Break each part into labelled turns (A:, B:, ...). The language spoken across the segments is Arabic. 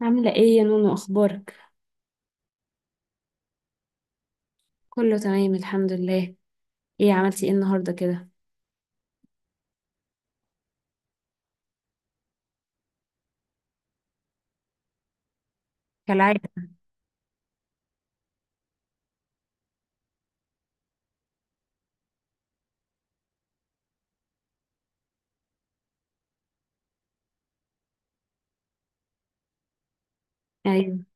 A: عاملة ايه يا نونو؟ اخبارك؟ كله تمام الحمد لله. ايه عملتي ايه النهاردة كده؟ ايوه،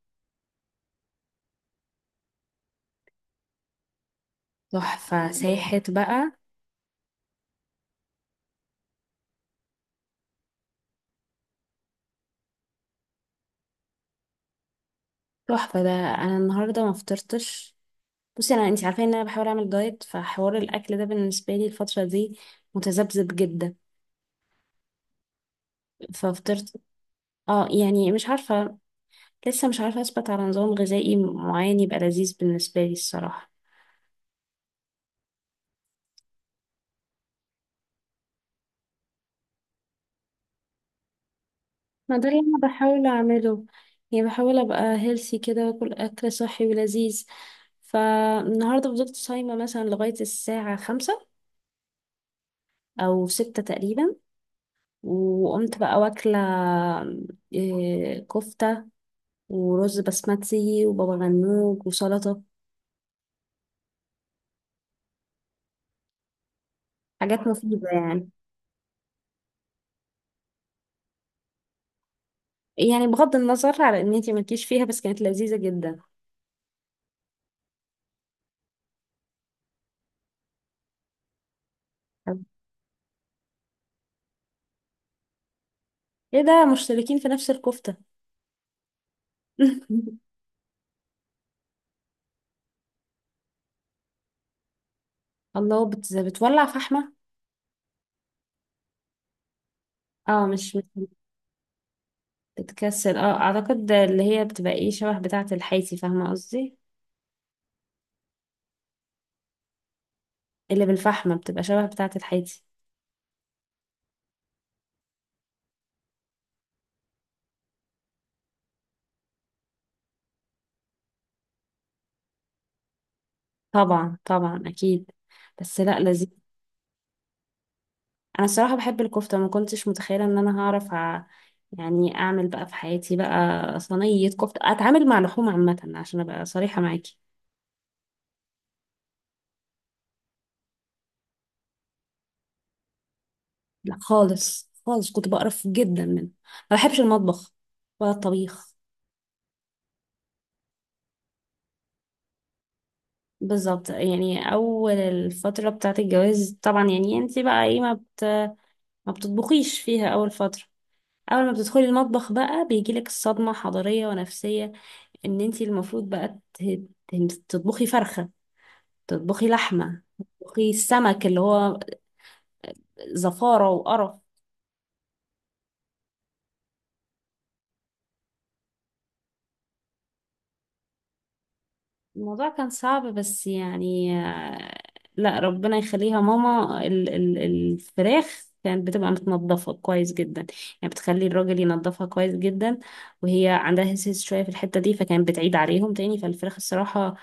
A: تحفة ساحت بقى. تحفة. ده انا النهاردة ما فطرتش. بصي، انا انتي عارفة ان انا بحاول اعمل دايت، فحوار الاكل ده بالنسبة لي الفترة دي متذبذب جدا. ففطرت. اه يعني مش عارفة، لسه مش عارفة اثبت على نظام غذائي معين يبقى لذيذ بالنسبة لي الصراحة. ما ده اللي انا بحاول اعمله. يعني بحاول ابقى هيلثي كده واكل اكل صحي ولذيذ. فالنهارده فضلت صايمه مثلا لغايه الساعه 5 او 6 تقريبا، وقمت بقى واكله كفته ورز بسمتي وبابا غنوج وسلطه. حاجات مفيده يعني. يعني بغض النظر على ان انتي مالكيش فيها، بس كانت لذيذه جدا. ايه ده، مشتركين في نفس الكفته؟ الله، بتولع فحمه؟ اه، مش بتكسل اه اعتقد، اللي هي بتبقى ايه شبه بتاعة الحيتي، فاهمة قصدي؟ اللي بالفحمة بتبقى شبه بتاعة الحيتي. طبعا طبعا اكيد. بس لا، لذيذ. انا الصراحة بحب الكفتة. ما كنتش متخيلة ان انا هعرف يعني اعمل بقى في حياتي بقى صينية كفتة، اتعامل مع لحوم عامة، عشان ابقى صريحة معاكي. لا خالص خالص، كنت بقرف جدا منه. ما بحبش المطبخ ولا الطبيخ. بالظبط. يعني اول الفترة بتاعة الجواز طبعا، يعني انت بقى ايه، ما بتطبخيش فيها اول فترة. اول ما بتدخلي المطبخ بقى بيجيلك الصدمة حضارية ونفسية، ان انتي المفروض بقى تطبخي فرخة، تطبخي لحمة، تطبخي السمك اللي هو زفارة وقرف. الموضوع كان صعب بس يعني لا ربنا يخليها ماما، ال الفراخ كانت بتبقى متنضفة كويس جدا. يعني بتخلي الراجل ينضفها كويس جدا، وهي عندها هس هس شوية في الحتة دي، فكانت بتعيد عليهم تاني. فالفراخ الصراحة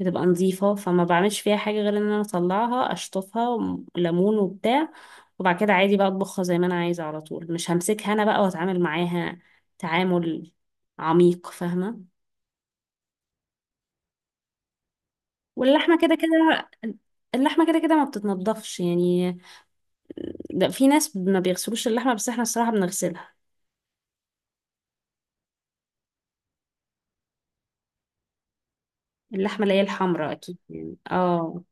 A: بتبقى نظيفة، فما بعملش فيها حاجة غير ان انا اطلعها اشطفها ليمون وبتاع، وبعد كده عادي بقى اطبخها زي ما انا عايزة على طول، مش همسكها انا بقى واتعامل معاها تعامل عميق، فاهمة؟ واللحمة كده كده، اللحمة كده كده ما بتتنضفش يعني. ده في ناس ما بيغسلوش اللحمة، بس احنا الصراحة بنغسلها. اللحمة اللي هي الحمراء أكيد يعني اه.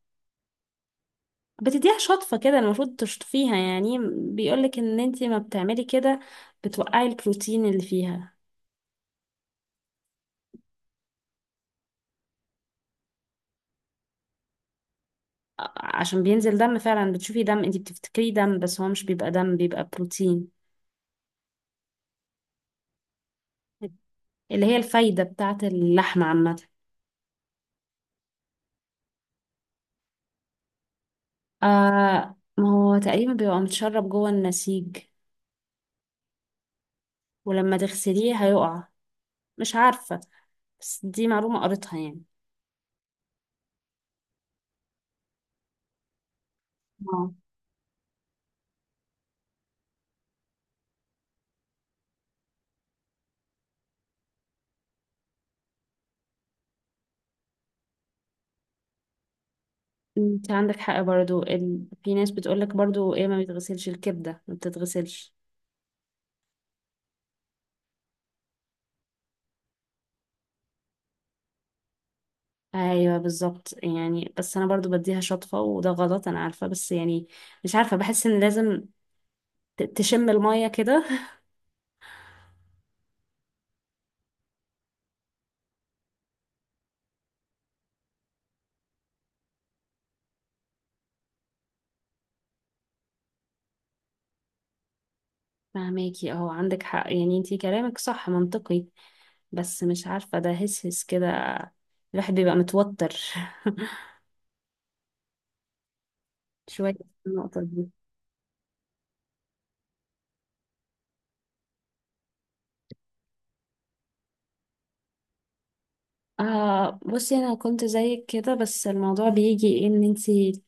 A: بتديها شطفة كده، المفروض تشطفيها يعني. بيقولك ان انتي ما بتعملي كده بتوقعي البروتين اللي فيها. عشان بينزل دم فعلا، بتشوفي دم انتي بتفتكريه دم، بس هو مش بيبقى دم، بيبقى بروتين، اللي هي الفايدة بتاعة اللحمة عامة. آه، ما هو تقريبا بيبقى متشرب جوه النسيج، ولما تغسليه هيقع. مش عارفة، بس دي معلومة قريتها يعني. اه، انت عندك حق برضو. في ناس بتقولك برضو ايه، ما بيتغسلش الكبدة، ما بتتغسلش. ايوه بالظبط يعني، بس انا برضو بديها شطفة، وده غلط انا عارفة، بس يعني مش عارفة بحس ان لازم تشم المية كده. فهماكي، اهو عندك حق يعني، انتي كلامك صح منطقي، بس مش عارفة، ده هس هس كده، الواحد بيبقى متوتر شوية. في النقطة دي، آه بصي انا كنت زيك كده، بس الموضوع بيجي ان انتي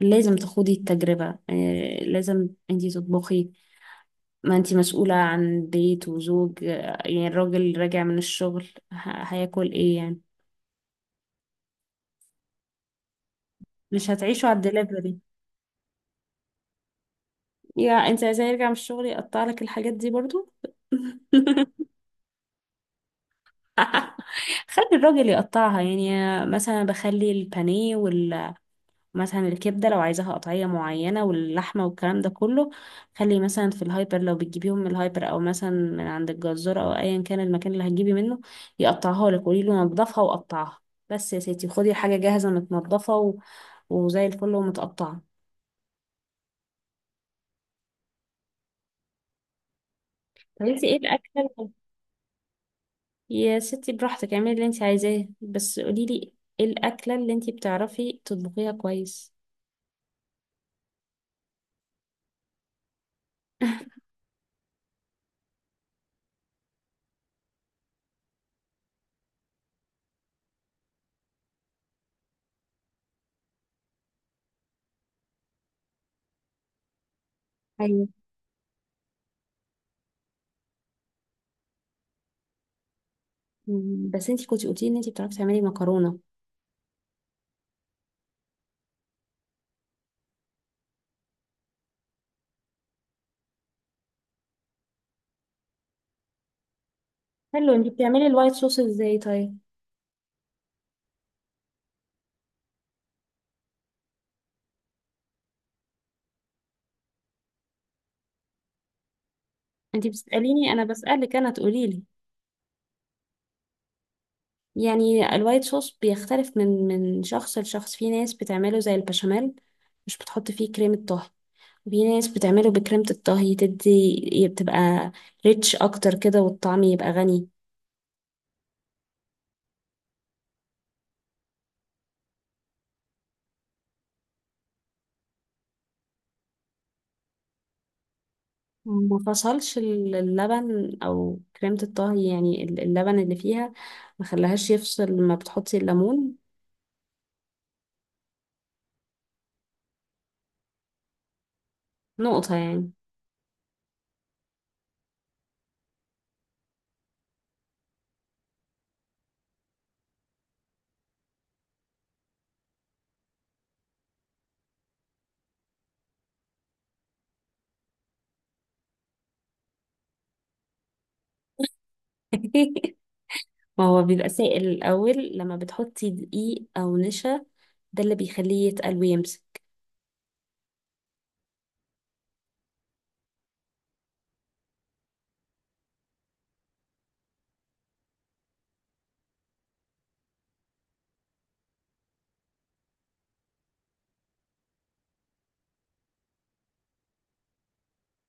A: لازم تخوضي التجربة، آه لازم انتي تطبخي. ما انتي مسؤولة عن بيت وزوج، يعني الراجل راجع من الشغل هياكل ايه يعني؟ مش هتعيشوا على الدليفري. يا انتي عايزاه يرجع من الشغل يقطع لك الحاجات دي برضو؟ خلي الراجل يقطعها يعني. مثلا بخلي البانيه، مثلا الكبدة لو عايزاها قطعية معينة، واللحمة والكلام ده كله، خلي مثلا في الهايبر لو بتجيبيهم من الهايبر، أو مثلا من عند الجزار، أو أيا كان المكان اللي هتجيبي منه، يقطعها لك. قولي له نضفها وقطعها. بس يا ستي خدي حاجة جاهزة متنضفة وزي الفل ومتقطعة. طب انتي ايه الأكلة؟ يا ستي براحتك، اعملي اللي انتي عايزاه، بس قوليلي ايه الأكلة اللي انتي بتعرفي تطبخيها كويس؟ ايوه. بس انتي كنتي قلتي ان انتي بتعرفي تعملي مكرونة. حلو، انتي بتعملي الوايت صوص ازاي طيب؟ انتي بتسأليني؟ انا بسألك انا، تقوليلي. يعني الوايت صوص بيختلف من شخص لشخص. في ناس بتعمله زي البشاميل، مش بتحط فيه كريمة طهي، وفي ناس بتعمله بكريمة الطهي، تدي بتبقى ريتش اكتر كده، والطعم يبقى غني. ما فصلش اللبن او كريمة الطهي، يعني اللبن اللي فيها ما خلاهاش يفصل ما بتحطي الليمون؟ نقطة يعني. ما هو بيبقى سائل الأول، لما بتحطي دقيق أو نشا، ده اللي بيخليه يتقل ويمسك.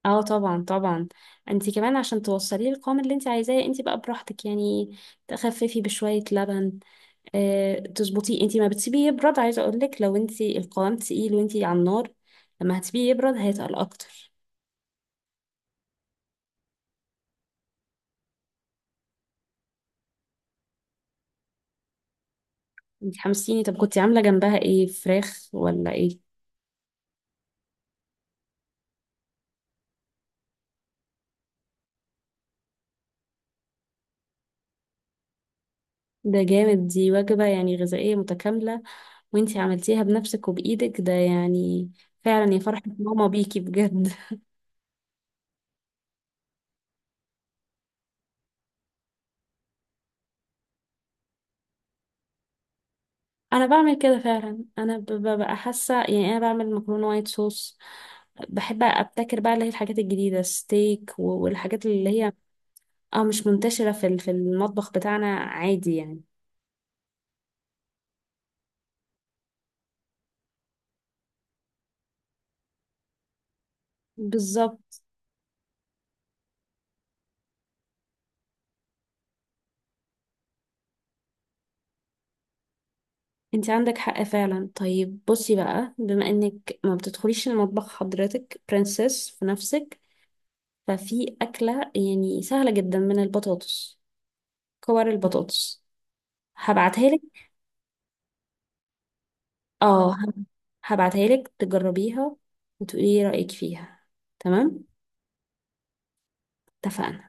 A: اه طبعا طبعا. انتي كمان عشان توصليه القوام اللي انتي عايزاه، انتي بقى براحتك يعني، تخففي بشوية لبن، اه تظبطيه. انتي ما بتسيبيه يبرد. عايزة اقولك لو انتي القوام تقيل وانتي على النار، لما هتسيبيه يبرد هيتقل اكتر. انتي حمسيني. طب كنتي عاملة جنبها ايه، فراخ ولا ايه؟ ده جامد. دي وجبة يعني غذائية متكاملة، وانتي عملتيها بنفسك وبإيدك، ده يعني فعلا يا فرحة ماما بيكي بجد. انا بعمل كده فعلا. انا ببقى حاسة يعني انا بعمل مكرونة وايت صوص، بحب ابتكر بقى اللي هي الحاجات الجديدة، ستيك والحاجات اللي هي اه مش منتشرة في في المطبخ بتاعنا، عادي يعني. بالظبط، انت عندك حق فعلا. طيب بصي بقى، بما انك ما بتدخليش المطبخ حضرتك، برنسس في نفسك، ففي أكلة يعني سهلة جدا من البطاطس، كور البطاطس، هبعتها لك. اه، هبعتها لك تجربيها وتقولي لي رأيك فيها. تمام؟ اتفقنا.